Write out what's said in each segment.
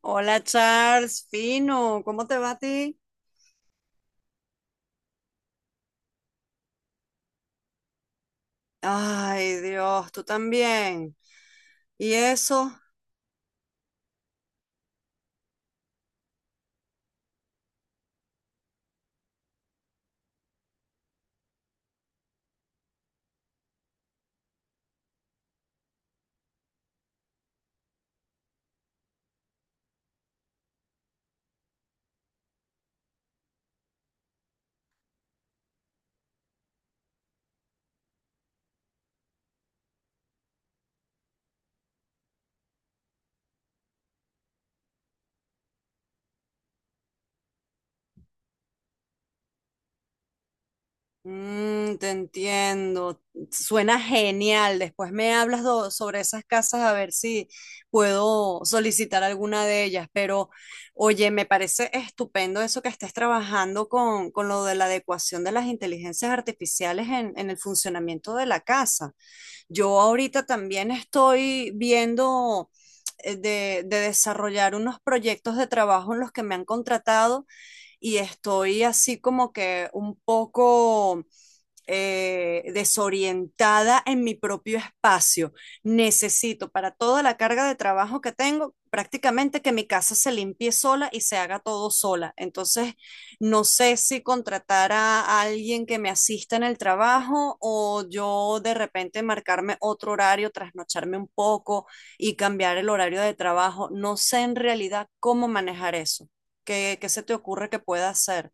Hola Charles, fino, ¿cómo te va a ti? Ay, Dios, tú también. ¿Y eso? Mm, te entiendo. Suena genial. Después me hablas sobre esas casas a ver si puedo solicitar alguna de ellas. Pero, oye, me parece estupendo eso que estés trabajando con lo de la adecuación de las inteligencias artificiales en el funcionamiento de la casa. Yo ahorita también estoy viendo de desarrollar unos proyectos de trabajo en los que me han contratado y estoy así como que un poco desorientada en mi propio espacio. Necesito para toda la carga de trabajo que tengo, prácticamente que mi casa se limpie sola y se haga todo sola. Entonces, no sé si contratar a alguien que me asista en el trabajo o yo de repente marcarme otro horario, trasnocharme un poco y cambiar el horario de trabajo. No sé en realidad cómo manejar eso. ¿Qué se te ocurre que pueda hacer?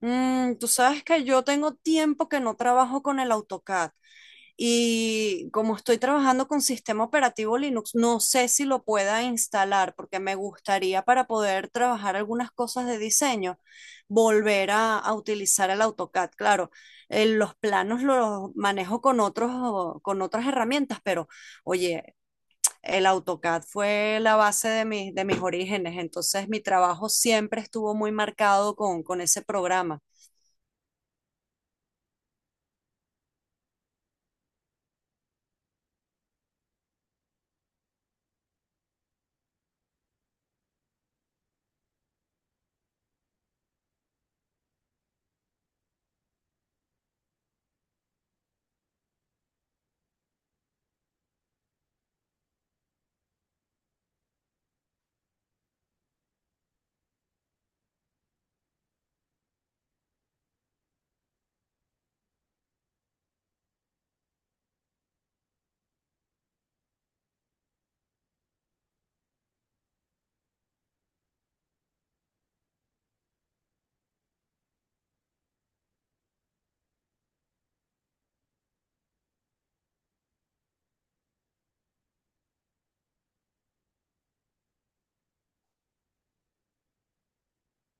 "Mm, tú sabes que yo tengo tiempo que no trabajo con el AutoCAD y como estoy trabajando con sistema operativo Linux, no sé si lo pueda instalar porque me gustaría para poder trabajar algunas cosas de diseño, volver a utilizar el AutoCAD. Claro, los planos los manejo con otros, con otras herramientas, pero oye, el AutoCAD fue la base de, de mis orígenes, entonces mi trabajo siempre estuvo muy marcado con ese programa.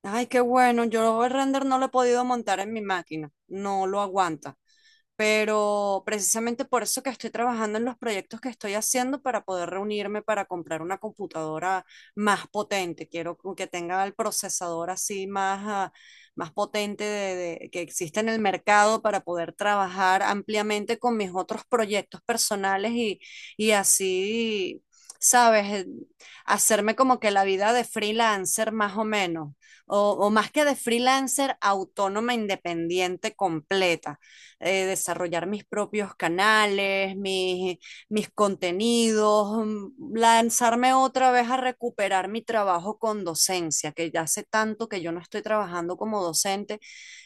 Ay, qué bueno. Yo el render no lo he podido montar en mi máquina. No lo aguanta. Pero precisamente por eso que estoy trabajando en los proyectos que estoy haciendo para poder reunirme para comprar una computadora más potente. Quiero como que tenga el procesador así más, más potente que existe en el mercado para poder trabajar ampliamente con mis otros proyectos personales y así, ¿sabes? Hacerme como que la vida de freelancer más o menos o más que de freelancer, autónoma, independiente, completa. Desarrollar mis propios canales, mis contenidos, lanzarme otra vez a recuperar mi trabajo con docencia, que ya hace tanto que yo no estoy trabajando como docente,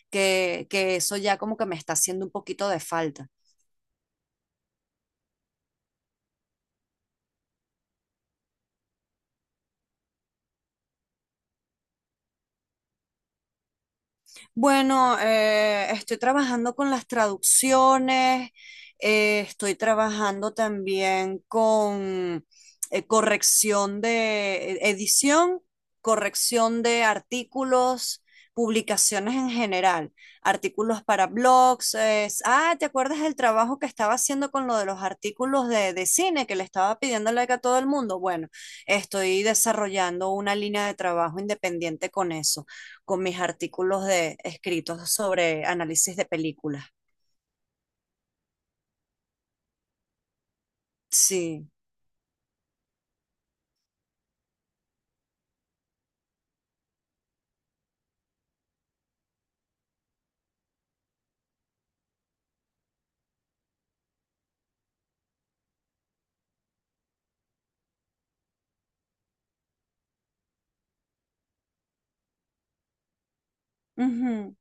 que eso ya como que me está haciendo un poquito de falta. Bueno, estoy trabajando con las traducciones, estoy trabajando también con corrección de edición, corrección de artículos, publicaciones en general, artículos para blogs. ¿Te acuerdas del trabajo que estaba haciendo con lo de los artículos de cine que le estaba pidiendo like a todo el mundo? Bueno, estoy desarrollando una línea de trabajo independiente con eso con mis artículos de escritos sobre análisis de películas. Sí. Ujú.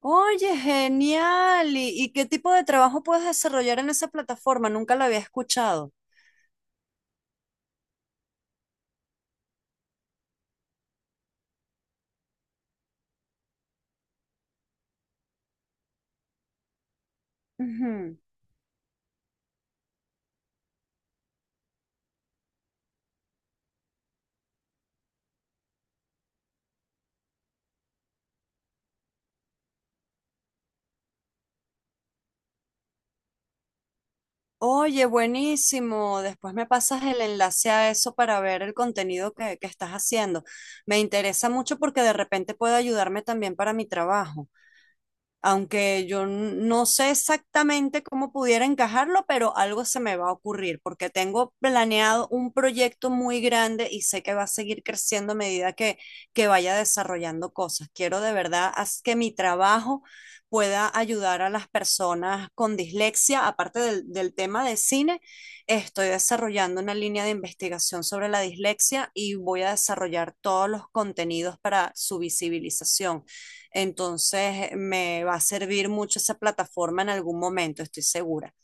Oye, genial. ¿Y qué tipo de trabajo puedes desarrollar en esa plataforma? Nunca lo había escuchado. Ujú. Oye, buenísimo. Después me pasas el enlace a eso para ver el contenido que estás haciendo. Me interesa mucho porque de repente puede ayudarme también para mi trabajo. Aunque yo no sé exactamente cómo pudiera encajarlo, pero algo se me va a ocurrir, porque tengo planeado un proyecto muy grande y sé que va a seguir creciendo a medida que vaya desarrollando cosas. Quiero de verdad haz que mi trabajo pueda ayudar a las personas con dislexia, aparte del tema de cine, estoy desarrollando una línea de investigación sobre la dislexia y voy a desarrollar todos los contenidos para su visibilización. Entonces me va a servir mucho esa plataforma en algún momento, estoy segura.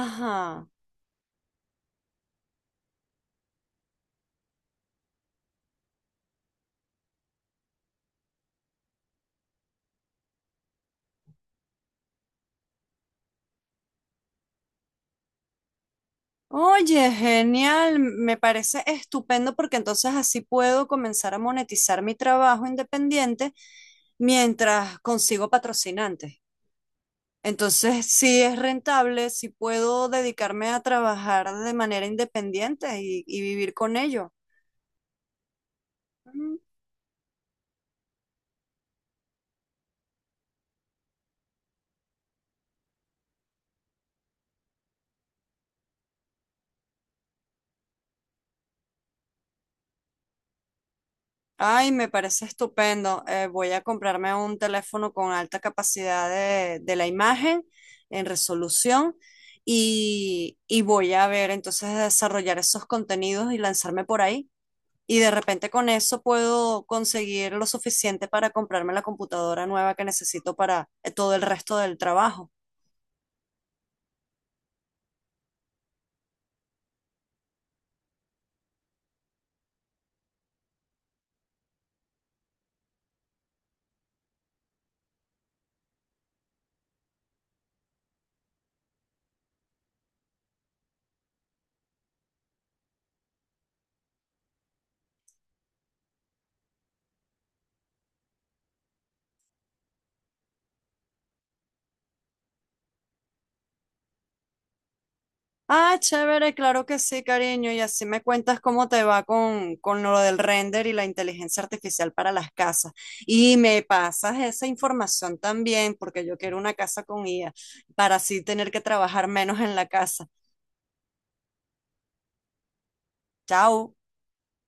Ajá. Oye, genial, me parece estupendo porque entonces así puedo comenzar a monetizar mi trabajo independiente mientras consigo patrocinantes. Entonces, si es rentable, si puedo dedicarme a trabajar de manera independiente y vivir con ello. Ay, me parece estupendo. Voy a comprarme un teléfono con alta capacidad de la imagen en resolución y voy a ver entonces de desarrollar esos contenidos y lanzarme por ahí. Y de repente con eso puedo conseguir lo suficiente para comprarme la computadora nueva que necesito para todo el resto del trabajo. Ah, chévere, claro que sí, cariño. Y así me cuentas cómo te va con lo del render y la inteligencia artificial para las casas. Y me pasas esa información también, porque yo quiero una casa con IA, para así tener que trabajar menos en la casa. Chao.